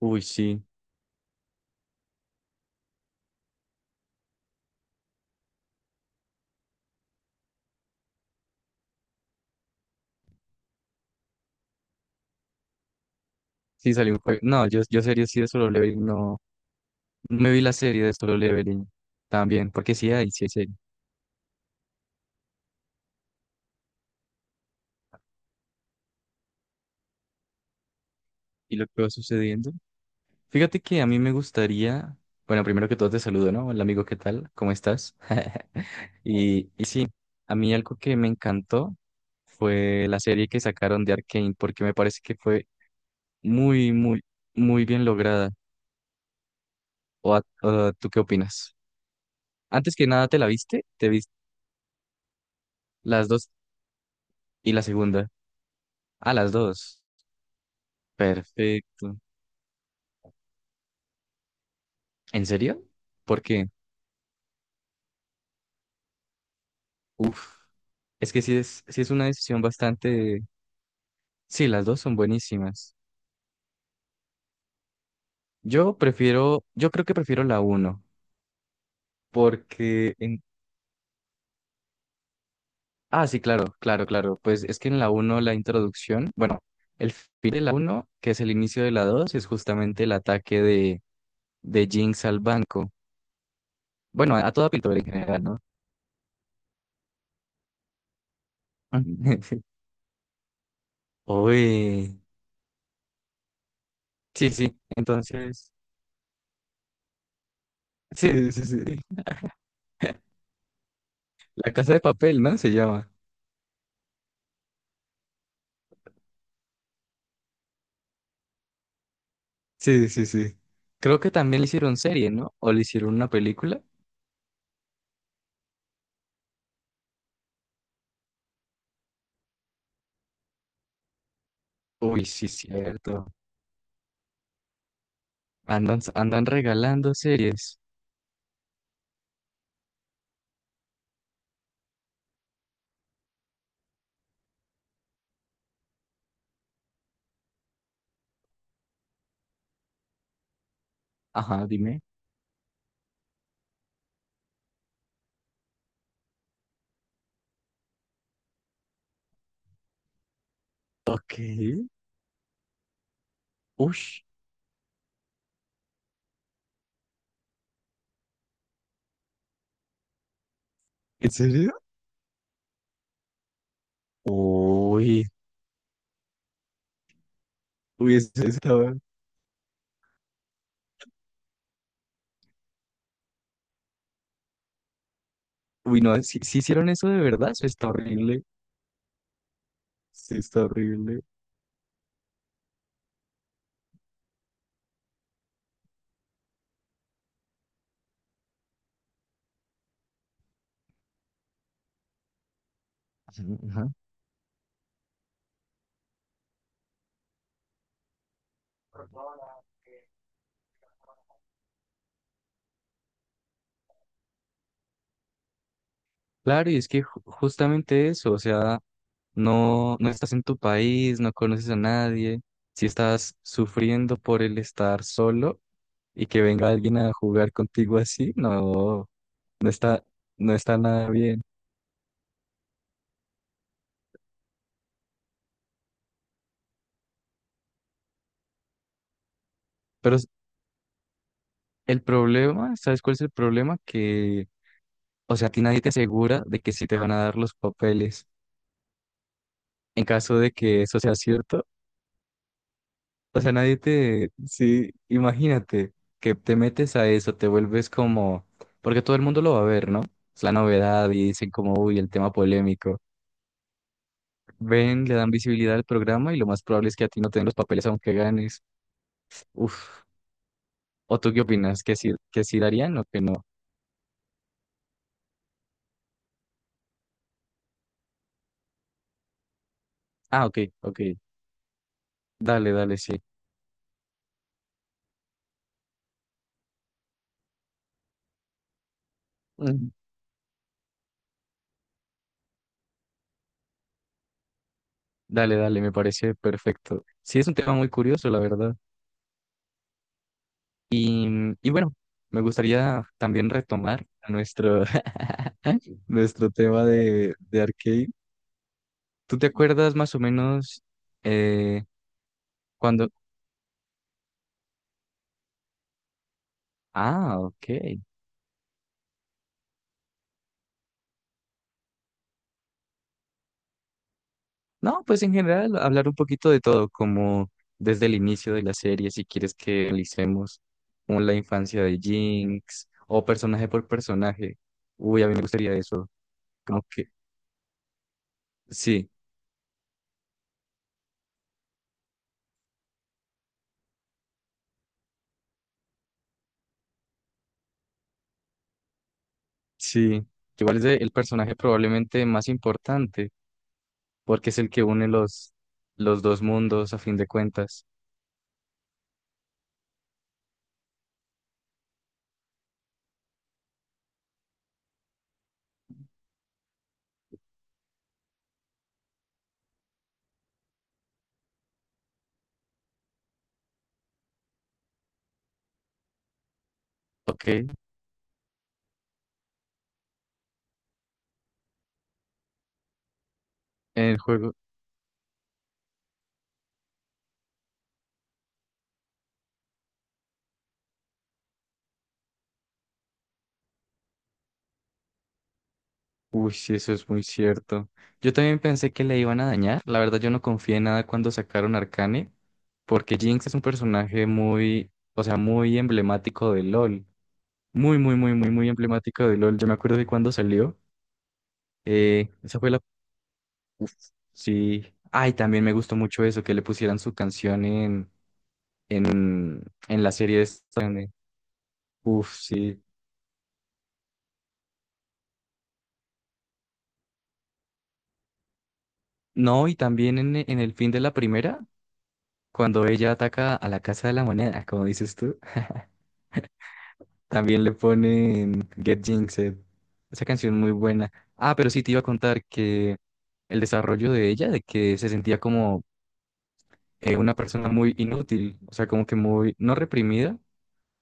Uy, sí, sí salió un juego. No, yo, yo serie de Solo Leveling, no. No me vi la serie de Solo Leveling también, porque sí hay serie. Y lo que va sucediendo. Fíjate que a mí me gustaría, bueno, primero que todo te saludo, ¿no? Hola amigo, ¿qué tal? ¿Cómo estás? Y sí, a mí algo que me encantó fue la serie que sacaron de Arcane, porque me parece que fue muy, muy, muy bien lograda. ¿O o tú qué opinas? Antes que nada, ¿te la viste? ¿Te viste las dos y la segunda? Ah, las dos. Perfecto. ¿En serio? ¿Por qué? Uf, es que sí es una decisión bastante... Sí, las dos son buenísimas. Yo creo que prefiero la uno, porque en... Ah, sí, claro, claro, claro. Pues es que en la uno la introducción, bueno, el fin de la uno, que es el inicio de la 2, es justamente el ataque de Jinx al banco. Bueno, a toda pintura en general, ¿no? Uy. Sí, sí, entonces... Sí, sí, sí. La casa de papel, ¿no? Se llama. Sí, sí, sí. Creo que también le hicieron serie, ¿no? O le hicieron una película. Uy, sí, cierto. Andan, andan regalando series. Ajá, dime. Ok. Ush. ¿En serio? Uy. Uy, está... Uy, no, si, si hicieron eso de verdad, eso está horrible. Sí, está horrible. Ujú, ajá. Claro, y es que justamente eso, o sea, no, no estás en tu país, no conoces a nadie, si estás sufriendo por el estar solo. Y que venga alguien a jugar contigo así, no, no está, no está nada bien. Pero s- el problema, ¿sabes cuál es el problema? Que, o sea, a ti nadie te asegura de que sí te van a dar los papeles. En caso de que eso sea cierto, o sea, nadie te, sí, imagínate que te metes a eso, te vuelves como, porque todo el mundo lo va a ver, ¿no? Es la novedad y dicen como, uy, el tema polémico. Ven, le dan visibilidad al programa y lo más probable es que a ti no te den los papeles aunque ganes. Uf. ¿O tú qué opinas? Que sí darían o que no? Ah, ok, ok. Dale, dale, sí. Mm. Dale, dale, me parece perfecto. Sí, es un tema muy curioso, la verdad. Y, y bueno, me gustaría también retomar nuestro, nuestro tema de arcade. ¿Tú te acuerdas más o menos eh, cuando... Ah, ok. No, pues en general hablar un poquito de todo, como desde el inicio de la serie, si quieres que analicemos como la infancia de Jinx o personaje por personaje. Uy, a mí me gustaría eso. Como que sí, sí. Igual es el personaje probablemente más importante porque es el que une los dos mundos a fin de cuentas. Ok, en el juego. Uy, sí, eso es muy cierto. Yo también pensé que le iban a dañar. La verdad, yo no confié en nada cuando sacaron Arcane, porque Jinx es un personaje muy, o sea, muy emblemático de LOL. Muy, muy, muy, muy, muy emblemático de LOL. Yo me acuerdo de cuando salió. Esa fue la... Uf, sí. Ay, también me gustó mucho eso, que le pusieran su canción en, en la serie esta. Uf, sí. No, y también en el fin de la primera, cuando ella ataca a la Casa de la Moneda, como dices tú. También le ponen Get Jinxed. Esa canción muy buena. Ah, pero sí te iba a contar que el desarrollo de ella, de que se sentía como una persona muy inútil, o sea, como que muy, no reprimida,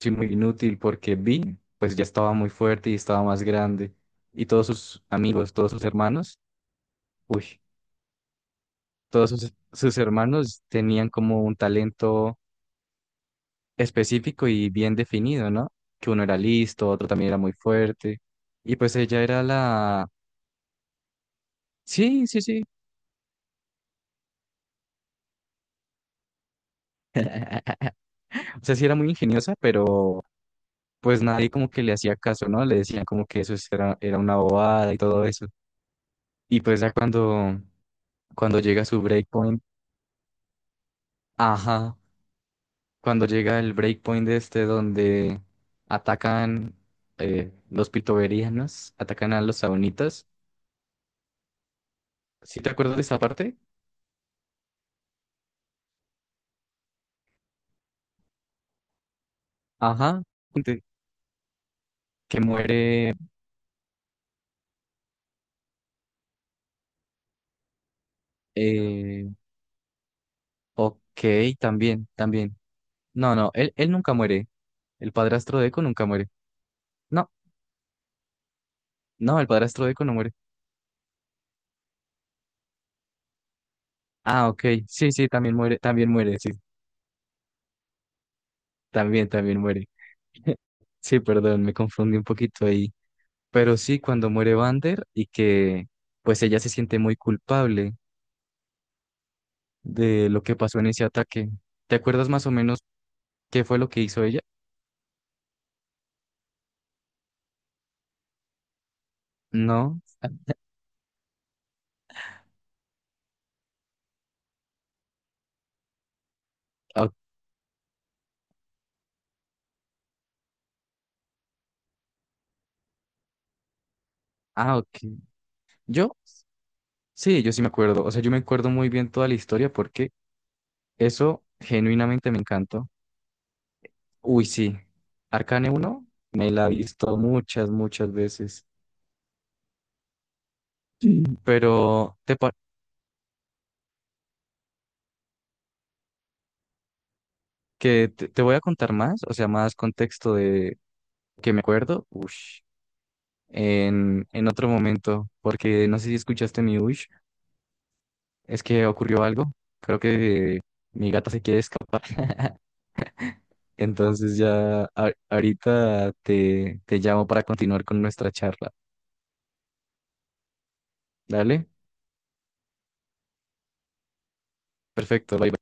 sí muy inútil, porque Vi, pues ya estaba muy fuerte y estaba más grande. Y todos sus amigos, todos sus hermanos, uy, todos sus hermanos tenían como un talento específico y bien definido, ¿no? Que uno era listo, otro también era muy fuerte. Y pues ella era la... Sí, sí, sí. O sea, sí era muy ingeniosa, pero pues nadie como que le hacía caso, ¿no? Le decían como que eso era una bobada y todo eso. Y pues ya cuando llega su breakpoint, ajá, cuando llega el breakpoint de este donde atacan los pitoverianos, atacan a los sabonitas. ¿Sí te acuerdas de esa parte? Ajá, de- que muere. Eh, ok, también, también. No, no, él nunca muere. El padrastro de Eco nunca muere. No. No, el padrastro de Eco no muere. Ah, ok. Sí, sí, también muere, sí, también, también muere. Sí, perdón, me confundí un poquito ahí. Pero sí, cuando muere Vander y que pues ella se siente muy culpable de lo que pasó en ese ataque. ¿Te acuerdas más o menos qué fue lo que hizo ella? No. Ah, ok. Ah, ok. Yo, sí, yo sí me acuerdo. O sea, yo me acuerdo muy bien toda la historia porque eso genuinamente me encantó. Uy, sí. Arcane uno me la he visto muchas, muchas veces. Sí. Pero te, pa- que te voy a contar más, o sea, más contexto de que me acuerdo. Ush. En otro momento, porque no sé si escuchaste mi ush, es que ocurrió algo. Creo que mi gata se quiere escapar. Entonces ya ahorita te llamo para continuar con nuestra charla. Dale, perfecto. Bye.